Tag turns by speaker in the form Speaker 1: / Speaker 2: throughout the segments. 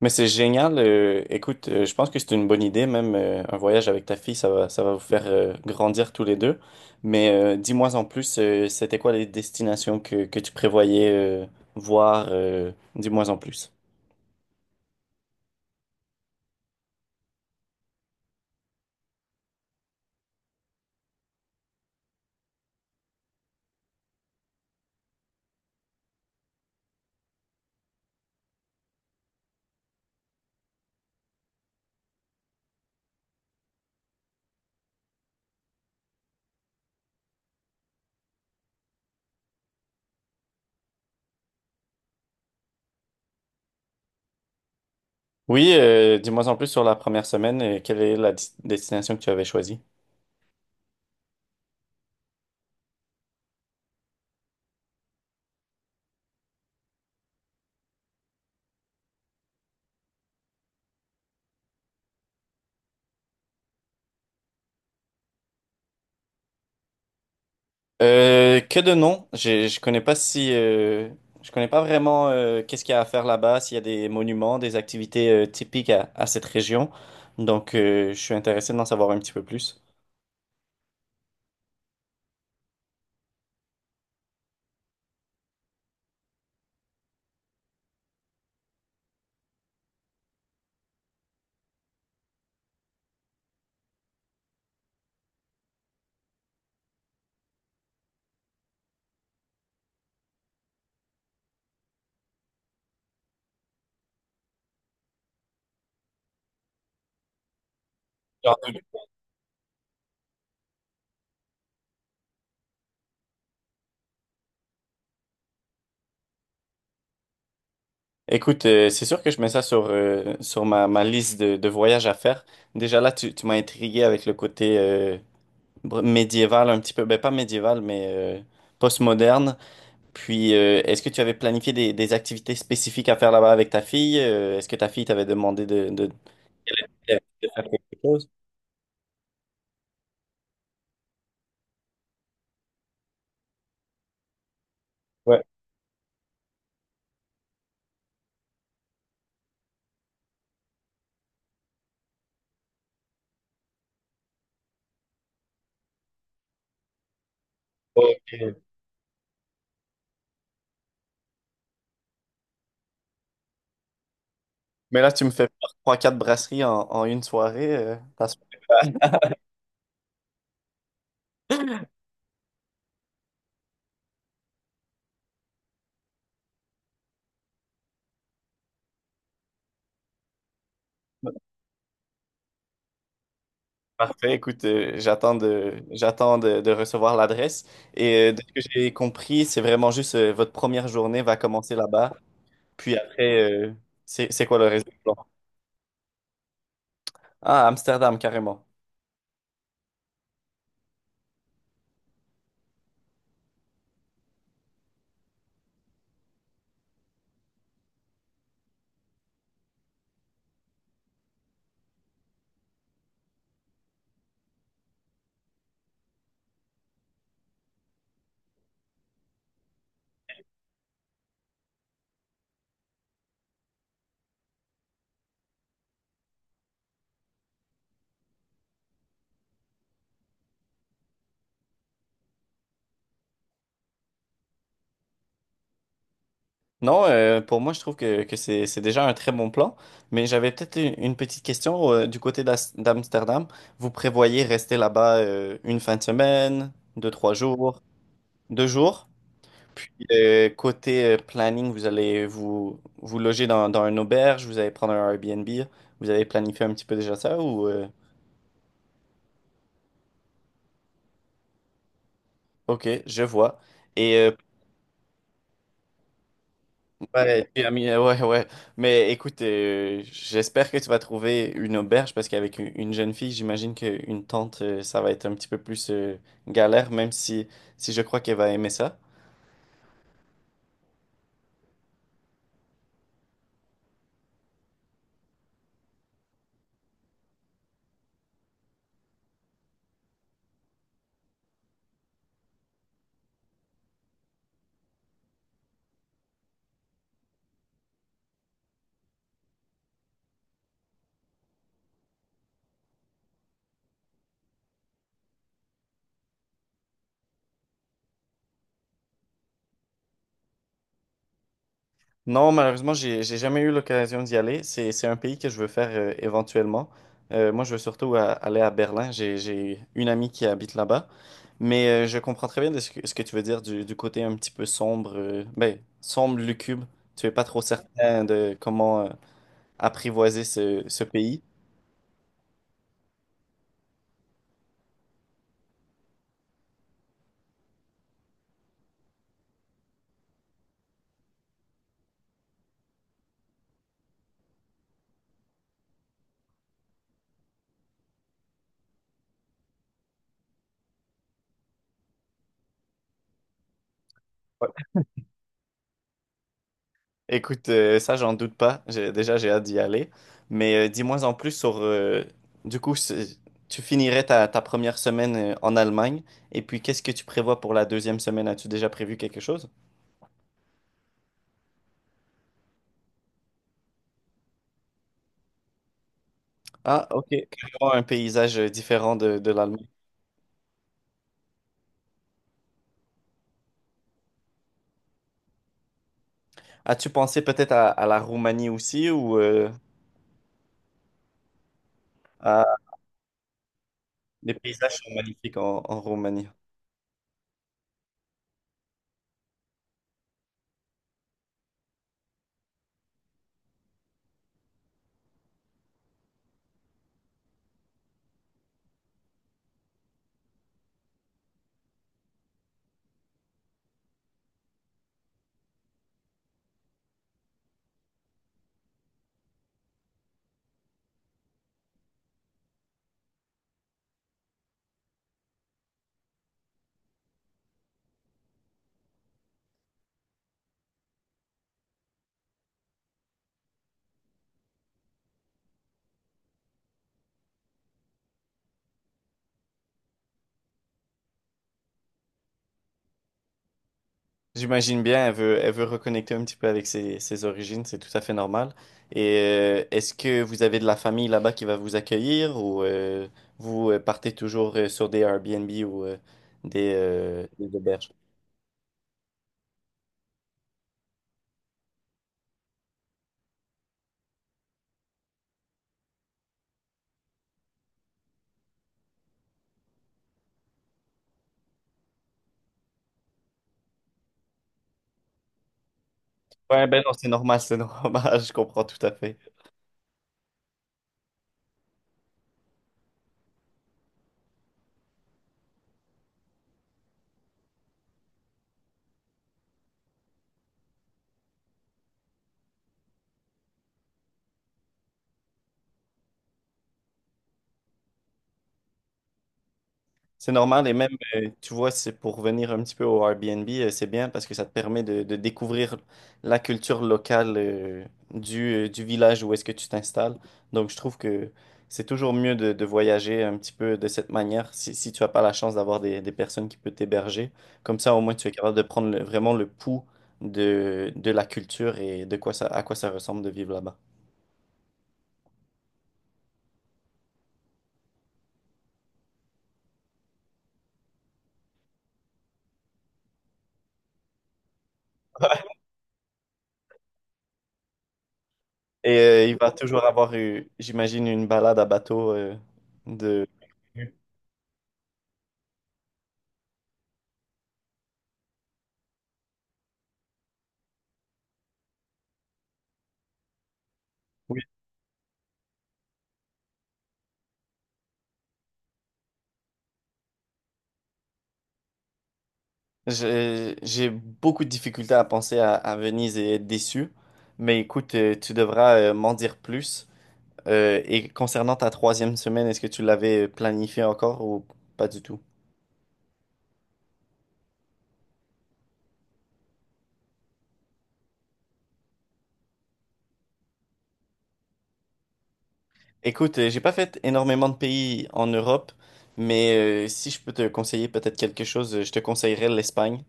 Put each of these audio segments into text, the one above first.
Speaker 1: Mais c'est génial. Je pense que c'est une bonne idée, même un voyage avec ta fille, ça va vous faire grandir tous les deux. Dis-moi en plus, c'était quoi les destinations que tu prévoyais voir? Dis-moi en plus. Oui, dis-moi en plus sur la première semaine. Euh, quelle est la destination que tu avais choisie? Que de noms. Je connais pas si, je connais pas vraiment qu'est-ce qu'il y a à faire là-bas, s'il y a des monuments, des activités typiques à cette région. Je suis intéressé d'en savoir un petit peu plus. Genre, euh, Écoute, c'est sûr que je mets ça sur ma liste de voyages à faire. Déjà là, tu m'as intrigué avec le côté médiéval un petit peu. Ben, pas médiéval, mais post-moderne. Puis, est-ce que tu avais planifié des activités spécifiques à faire là-bas avec ta fille? Est-ce que ta fille t'avait demandé de... Elle peut faire quelque chose. Ouais. Ok. Mais là, tu me fais faire 3-4 brasseries en une soirée, Parfait, écoute, j'attends j'attends de recevoir l'adresse. Et de ce que j'ai compris, c'est vraiment juste votre première journée va commencer là-bas. Puis après, c'est quoi le réseau? Ah, Amsterdam, carrément. Non, pour moi, je trouve que c'est déjà un très bon plan. Mais j'avais peut-être une petite question du côté d'Amsterdam. Vous prévoyez rester là-bas une fin de semaine, deux, trois jours, deux jours. Puis côté planning, vous allez vous loger dans, dans une auberge, vous allez prendre un Airbnb. Vous avez planifié un petit peu déjà ça ou... Ok, je vois. Et ouais, ouais, ouais. Mais écoute, j'espère que tu vas trouver une auberge parce qu'avec une jeune fille, j'imagine qu'une tente, ça va être un petit peu plus galère, même si, si je crois qu'elle va aimer ça. Non, malheureusement, j'ai jamais eu l'occasion d'y aller. C'est un pays que je veux faire éventuellement. Moi, je veux surtout aller à Berlin. J'ai une amie qui habite là-bas. Mais je comprends très bien de ce que tu veux dire du côté un petit peu sombre, ben, sombre, lucube. Tu es pas trop certain de comment apprivoiser ce pays. Ouais. Écoute, ça, j'en doute pas. Déjà, j'ai hâte d'y aller. Mais dis-moi en plus sur... du coup, tu finirais ta première semaine en Allemagne. Et puis, qu'est-ce que tu prévois pour la deuxième semaine? As-tu déjà prévu quelque chose? Ah, ok. Carrément un paysage différent de l'Allemagne. As-tu pensé peut-être à la Roumanie aussi ou à... les paysages sont magnifiques en en Roumanie? J'imagine bien, elle veut reconnecter un petit peu avec ses, ses origines, c'est tout à fait normal. Et est-ce que vous avez de la famille là-bas qui va vous accueillir ou vous partez toujours sur des Airbnb ou des auberges? Ouais, ben non, c'est normal, je comprends tout à fait. C'est normal et même, tu vois, c'est pour revenir un petit peu au Airbnb, c'est bien parce que ça te permet de découvrir la culture locale du village où est-ce que tu t'installes. Donc, je trouve que c'est toujours mieux de voyager un petit peu de cette manière si, si tu n'as pas la chance d'avoir des personnes qui peuvent t'héberger. Comme ça, au moins, tu es capable de prendre vraiment le pouls de la culture et de quoi ça, à quoi ça ressemble de vivre là-bas. Et il va toujours avoir, eu, j'imagine, une balade à bateau de... j'ai beaucoup de difficultés à penser à Venise et être déçu. Mais écoute, tu devras m'en dire plus. Et concernant ta troisième semaine, est-ce que tu l'avais planifié encore ou pas du tout? Écoute, j'ai pas fait énormément de pays en Europe, mais si je peux te conseiller peut-être quelque chose, je te conseillerais l'Espagne.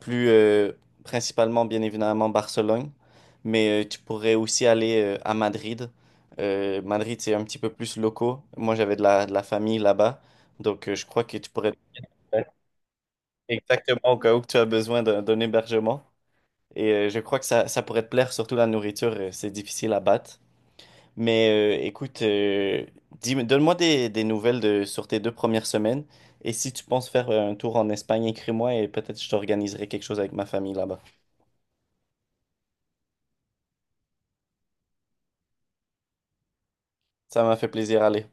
Speaker 1: Plus principalement bien évidemment Barcelone, mais tu pourrais aussi aller à Madrid. Madrid, c'est un petit peu plus locaux. Moi, j'avais de la famille là-bas, donc je crois que tu pourrais exactement au cas où que tu as besoin d'un hébergement. Et je crois que ça pourrait te plaire, surtout la nourriture, c'est difficile à battre. Mais euh, écoute, euh, donne-moi des nouvelles de, sur tes deux premières semaines. Et si tu penses faire un tour en Espagne, écris-moi et peut-être je t'organiserai quelque chose avec ma famille là-bas. Ça m'a fait plaisir, allez.